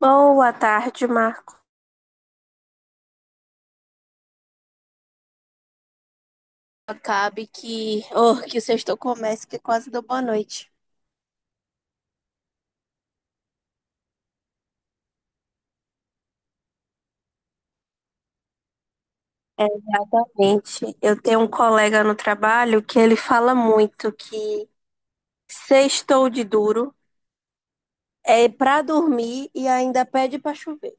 Boa tarde, Marco. Acabe que, oh, que o sexto comece, que é quase deu boa noite. Gente, eu tenho um colega no trabalho que ele fala muito que sextou de duro é pra dormir e ainda pede pra chover.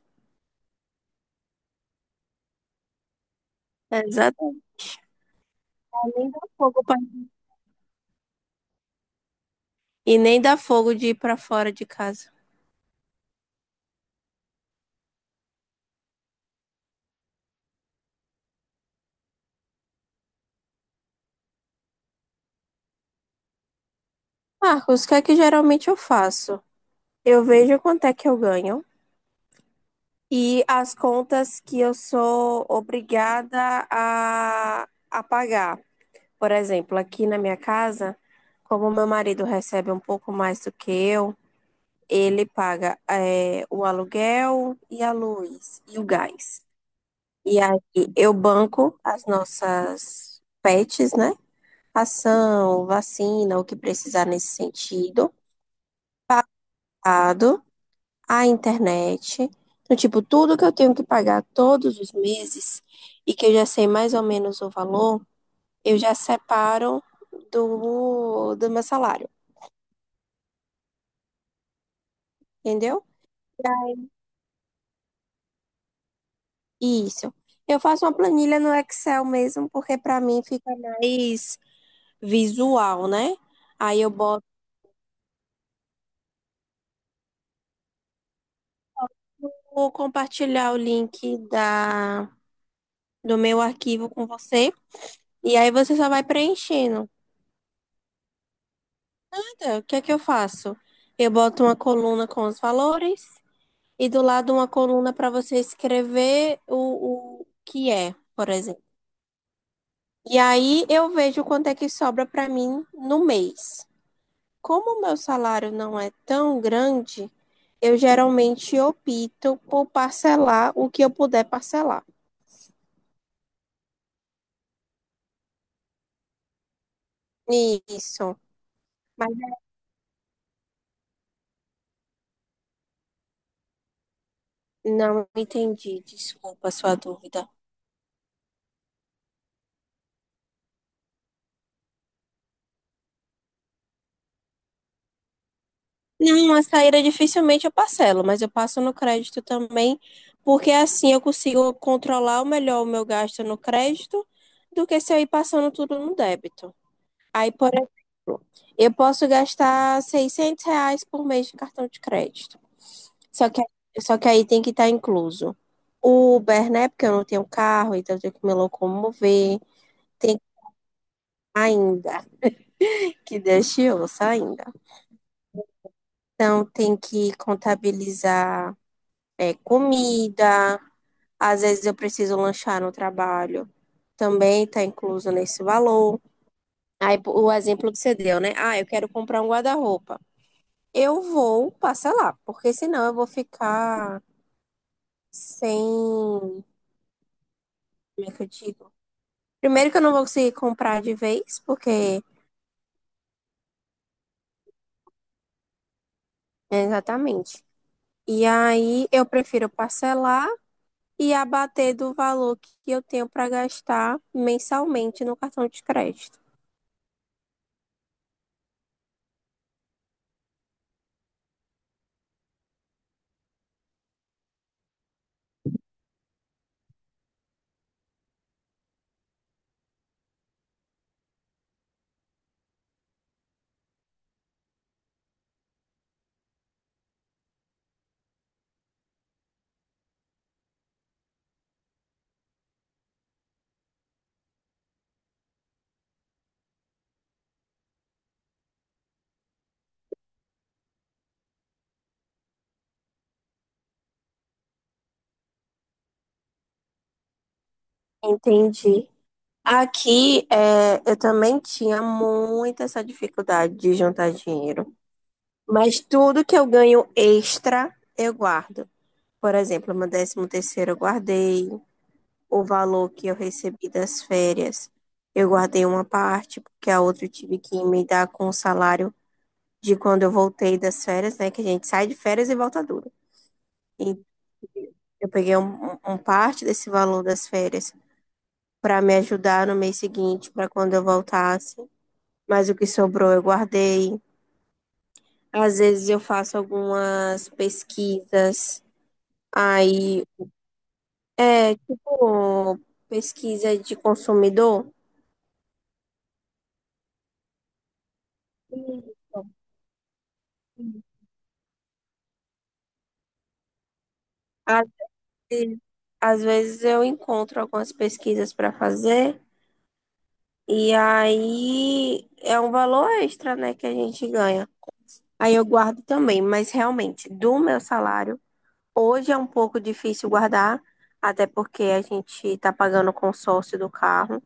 É, exatamente. Nem dá fogo pra- E nem dá fogo de ir pra fora de casa. Marcos, o que é que geralmente eu faço? Eu vejo quanto é que eu ganho e as contas que eu sou obrigada a pagar. Por exemplo, aqui na minha casa, como meu marido recebe um pouco mais do que eu, ele paga o aluguel e a luz e o gás. E aí eu banco as nossas pets, né? Ação, vacina, o que precisar nesse sentido, dado, a internet. Então, tipo, tudo que eu tenho que pagar todos os meses e que eu já sei mais ou menos o valor, eu já separo do meu salário, entendeu? Isso. Eu faço uma planilha no Excel mesmo, porque para mim fica mais visual, né? Aí eu boto, vou compartilhar o link do meu arquivo com você, e aí você só vai preenchendo. Então, o que é que eu faço? Eu boto uma coluna com os valores, e do lado uma coluna para você escrever o que é, por exemplo. E aí eu vejo quanto é que sobra para mim no mês. Como o meu salário não é tão grande, eu geralmente opto por parcelar o que eu puder parcelar. Isso. Mas não entendi, desculpa a sua dúvida. Não, a saída dificilmente eu parcelo, mas eu passo no crédito também, porque assim eu consigo controlar melhor o meu gasto no crédito do que se eu ir passando tudo no débito. Aí, por exemplo, eu posso gastar R$ 600 por mês de cartão de crédito. Só que, só que aí tem que estar incluso o Uber, né? Porque eu não tenho carro, então eu tenho que me locomover. Tem ainda, que Deus te ouça ainda. Então, tem que contabilizar comida. Às vezes eu preciso lanchar no trabalho. Também está incluso nesse valor. Aí, o exemplo que você deu, né? Ah, eu quero comprar um guarda-roupa. Eu vou parcelar, porque senão eu vou ficar sem. Como é que eu digo? Primeiro que eu não vou conseguir comprar de vez, porque. Né, exatamente. E aí eu prefiro parcelar e abater do valor que eu tenho para gastar mensalmente no cartão de crédito. Entendi. Eu também tinha muita essa dificuldade de juntar dinheiro, mas tudo que eu ganho extra eu guardo. Por exemplo, meu 13º eu guardei o valor que eu recebi das férias. Eu guardei uma parte, porque a outra eu tive que me dar com o salário de quando eu voltei das férias, né? Que a gente sai de férias e volta duro. E eu peguei um parte desse valor das férias para me ajudar no mês seguinte, para quando eu voltasse. Mas o que sobrou eu guardei. Às vezes eu faço algumas pesquisas, aí é tipo pesquisa de consumidor. Sim, sim. Às ve- às vezes eu encontro algumas pesquisas para fazer e aí é um valor extra, né, que a gente ganha. Aí eu guardo também, mas realmente do meu salário, hoje é um pouco difícil guardar, até porque a gente está pagando o consórcio do carro.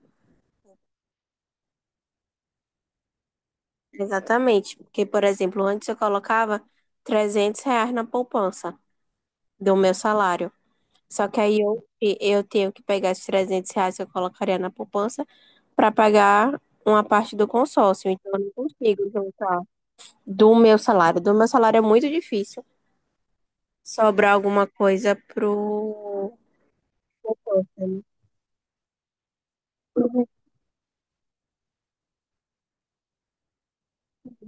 Exatamente, porque, por exemplo, antes eu colocava R$ 300 na poupança do meu salário. Só que aí eu tenho que pegar esses R$ 300 que eu colocaria na poupança para pagar uma parte do consórcio. Então, eu não consigo juntar do meu salário. Do meu salário é muito difícil sobrar alguma coisa pro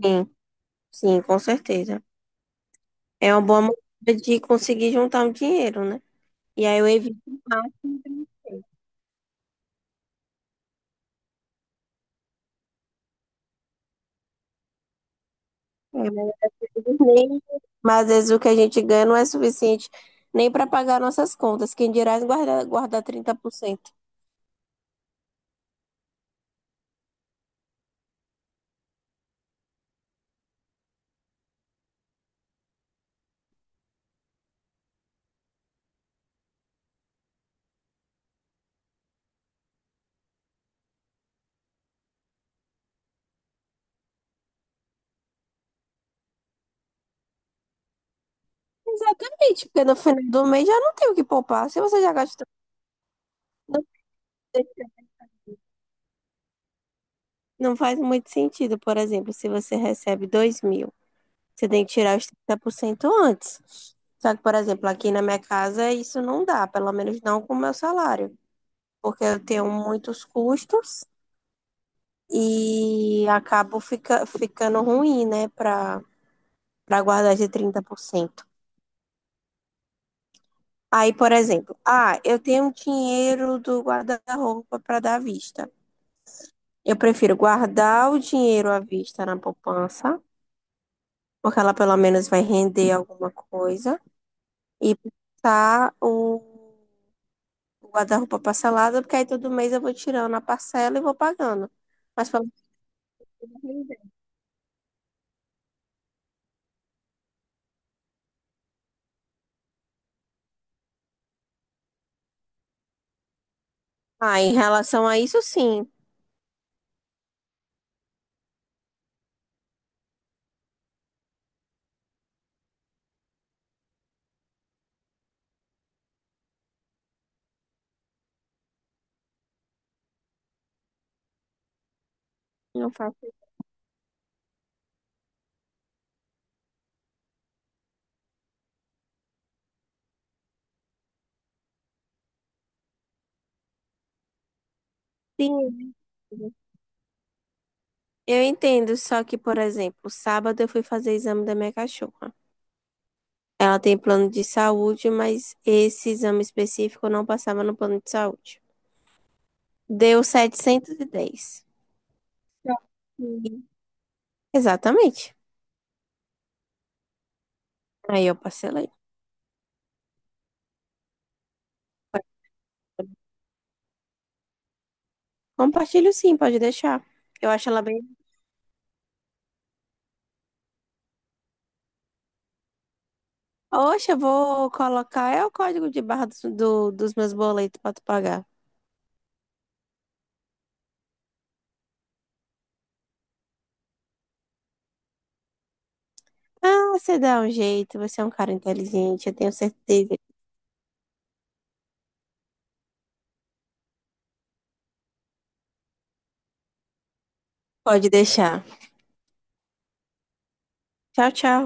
Enem. Sim, com certeza. É uma boa maneira de conseguir juntar um dinheiro, né? E aí eu evito. é, mas eu nem- mas às vezes o que a gente ganha não é suficiente nem para pagar nossas contas. Quem dirá guardar cento. Exatamente, porque no final do mês já não tem o que poupar. Se você já gastou. Não faz muito sentido, por exemplo, se você recebe 2.000, você tem que tirar os 30% antes. Só que, por exemplo, aqui na minha casa isso não dá, pelo menos não com o meu salário, porque eu tenho muitos custos e acabo ficando ruim, né, para guardar de 30%. Aí, por exemplo, ah, eu tenho um dinheiro do guarda-roupa para dar à vista. Eu prefiro guardar o dinheiro à vista na poupança, porque ela pelo menos vai render alguma coisa e passar o guarda-roupa parcelado, porque aí todo mês eu vou tirando a parcela e vou pagando. Mas pelo menos- eu tenho. Ah, em relação a isso, sim. Não faço sim. Eu entendo, só que, por exemplo, sábado eu fui fazer exame da minha cachorra. Ela tem plano de saúde, mas esse exame específico não passava no plano de saúde. Deu 710. Sim. Exatamente. Aí eu parcelei. Compartilho sim, pode deixar. Eu acho ela bem. Oxe, eu vou colocar. É o código de barra dos meus boletos pra tu pagar. Ah, você dá um jeito. Você é um cara inteligente, eu tenho certeza. Pode deixar. Tchau, tchau.